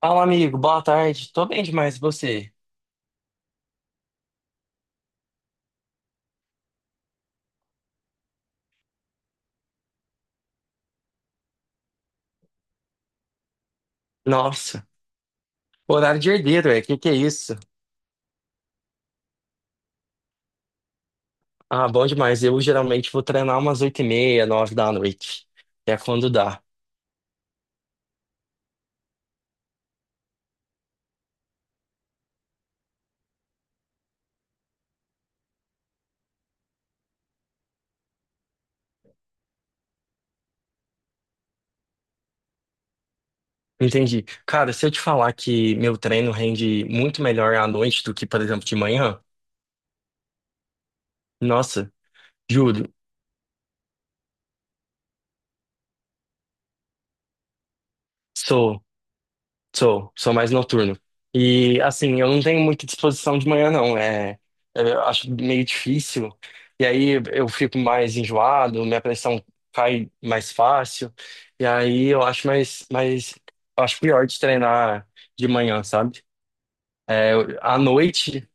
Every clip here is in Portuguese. Fala, amigo. Boa tarde. Tô bem demais, e você? Nossa, horário de herdeiro, é? Que é isso? Ah, bom demais. Eu geralmente vou treinar umas 8h30, 9 da noite. É quando dá. Entendi. Cara, se eu te falar que meu treino rende muito melhor à noite do que, por exemplo, de manhã, nossa, juro. Sou. Sou, sou mais noturno. E assim, eu não tenho muita disposição de manhã, não. Eu acho meio difícil. E aí eu fico mais enjoado, minha pressão cai mais fácil. E aí eu acho eu acho pior de treinar de manhã, sabe? É, à noite,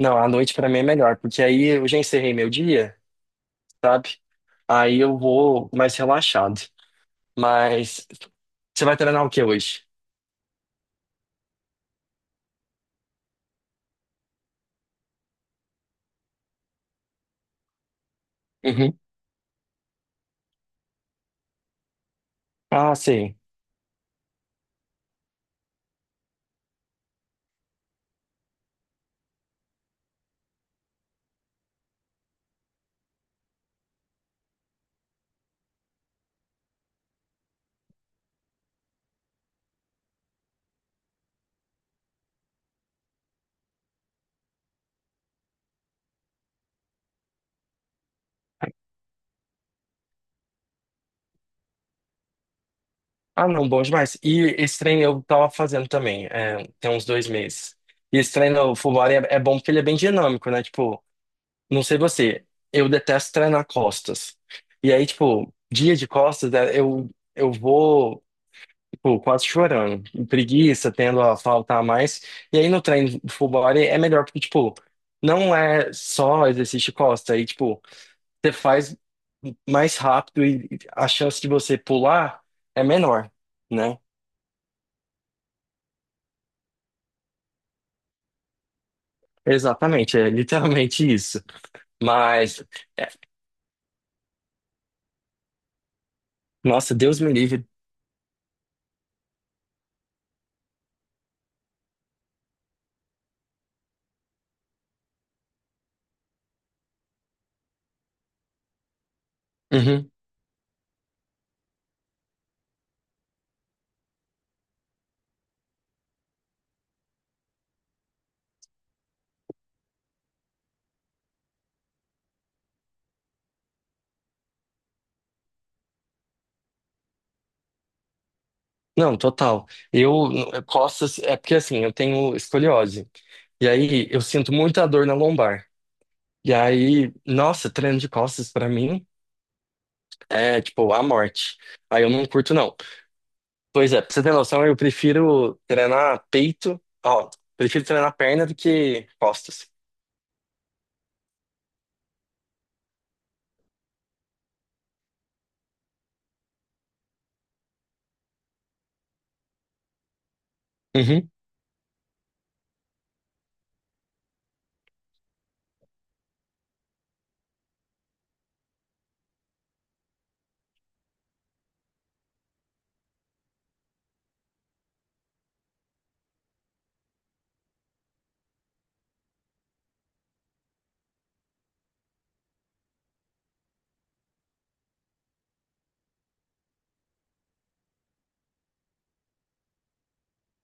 não, à noite pra mim é melhor, porque aí eu já encerrei meu dia, sabe? Aí eu vou mais relaxado. Mas você vai treinar o que hoje? Uhum. Ah, sei. Ah, não, bom demais. E esse treino eu tava fazendo também, é, tem uns 2 meses. E esse treino full body é bom porque ele é bem dinâmico, né? Tipo, não sei você, eu detesto treinar costas. E aí, tipo, dia de costas, é, eu vou, tipo, quase chorando, preguiça, tendo a faltar mais. E aí no treino full body é melhor porque, tipo, não é só exercício de costa. Aí, tipo, você faz mais rápido e a chance de você pular é menor, né? Exatamente, é literalmente isso. Mas, é, nossa, Deus me livre. Uhum. Não, total. Eu posso, é porque assim, eu tenho escoliose. E aí eu sinto muita dor na lombar. E aí, nossa, treino de costas pra mim é tipo a morte. Aí eu não curto, não. Pois é, pra você ter noção, eu prefiro treinar peito, ó, prefiro treinar perna do que costas. Uhum.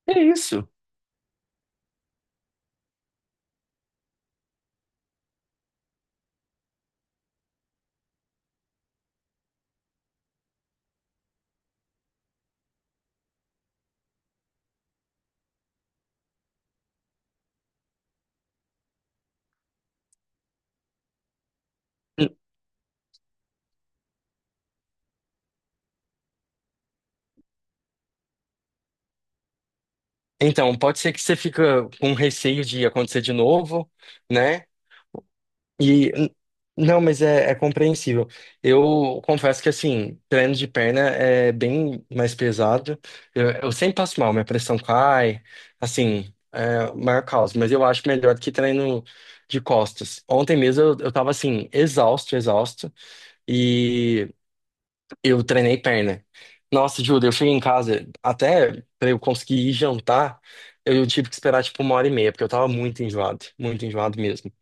É isso. Então, pode ser que você fica com receio de acontecer de novo, né? E não, mas é, é compreensível. Eu confesso que assim, treino de perna é bem mais pesado. Eu sempre passo mal, minha pressão cai, assim, é o maior caos, mas eu acho melhor do que treino de costas. Ontem mesmo eu tava assim, exausto, exausto. E eu treinei perna. Nossa, Júlia, eu cheguei em casa, até pra eu conseguir ir jantar, eu tive que esperar tipo 1h30, porque eu tava muito enjoado mesmo.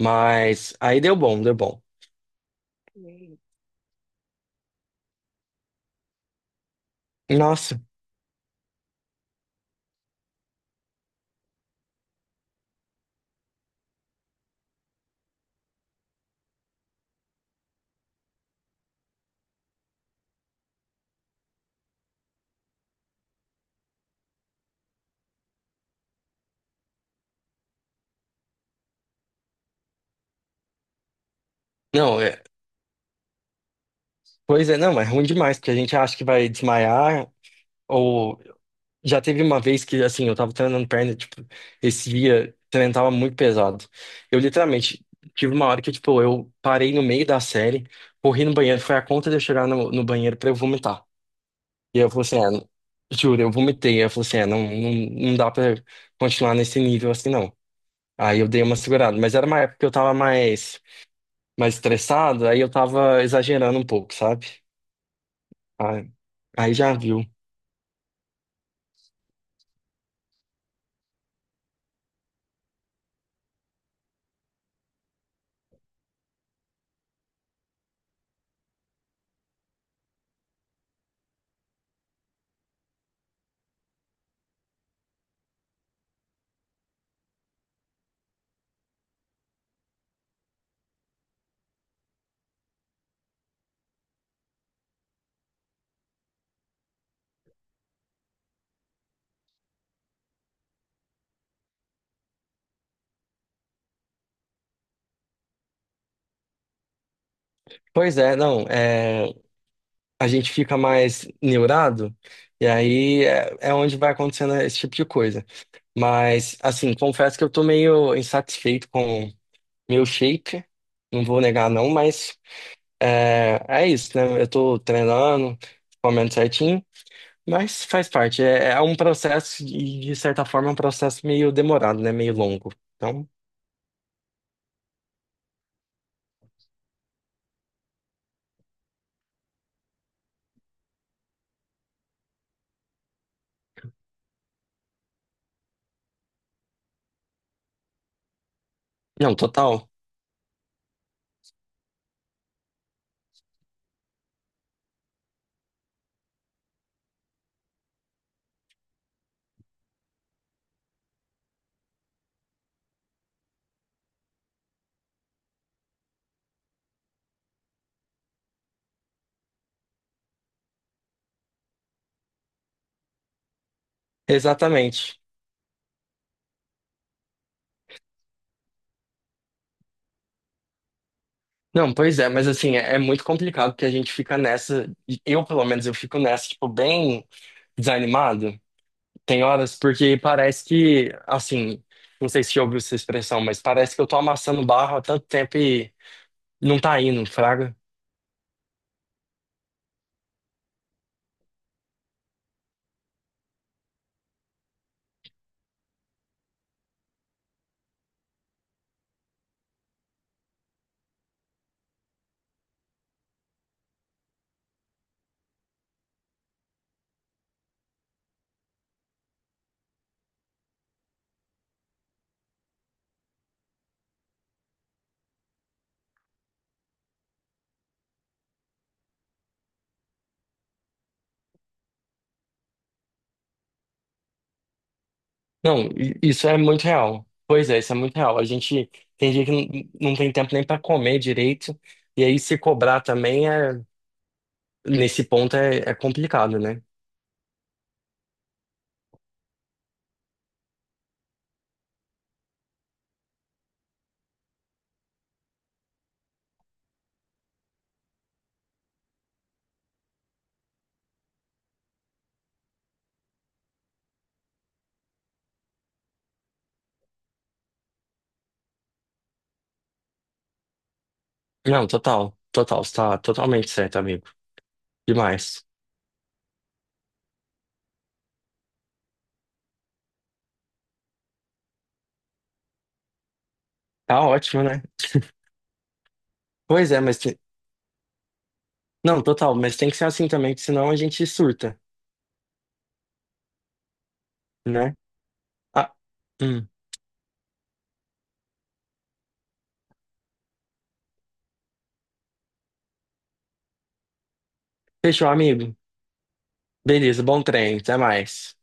Mas aí deu bom, deu bom. Nossa, não, pois é, não, é ruim demais, porque a gente acha que vai desmaiar, ou já teve uma vez que, assim, eu, tava treinando perna, tipo, esse dia, o treino tava muito pesado. Eu literalmente tive uma hora que, tipo, eu parei no meio da série, corri no banheiro, foi a conta de eu chegar no banheiro pra eu vomitar. E eu falei assim, juro, eu vomitei. Eu falei assim, não, não, não dá pra continuar nesse nível assim, não. Aí eu dei uma segurada, mas era uma época que eu tava mais estressado, aí eu tava exagerando um pouco, sabe? Aí, aí já viu. Pois é, não, a gente fica mais neurado, e aí é onde vai acontecendo esse tipo de coisa. Mas, assim, confesso que eu tô meio insatisfeito com meu shape, não vou negar não, mas É isso, né? Eu tô treinando, comendo certinho, mas faz parte. É um processo, e de certa forma, é um processo meio demorado, né? Meio longo. Então, não, total. Exatamente. Não, pois é, mas assim, é, é muito complicado porque a gente fica nessa, e eu pelo menos, eu fico nessa, tipo, bem desanimado. Tem horas porque parece que, assim, não sei se já ouviu essa expressão, mas parece que eu tô amassando barro há tanto tempo e não tá indo, fraga. Não, isso é muito real. Pois é, isso é muito real. A gente tem dia que não, não tem tempo nem para comer direito, e aí se cobrar também é nesse ponto é complicado, né? Não, total, total, você tá totalmente certo, amigo. Demais. Tá ótimo, né? Pois é, mas não, total, mas tem que ser assim também, que senão a gente surta, né? Ah, hum. Fechou, amigo. Beleza, bom treino, até mais.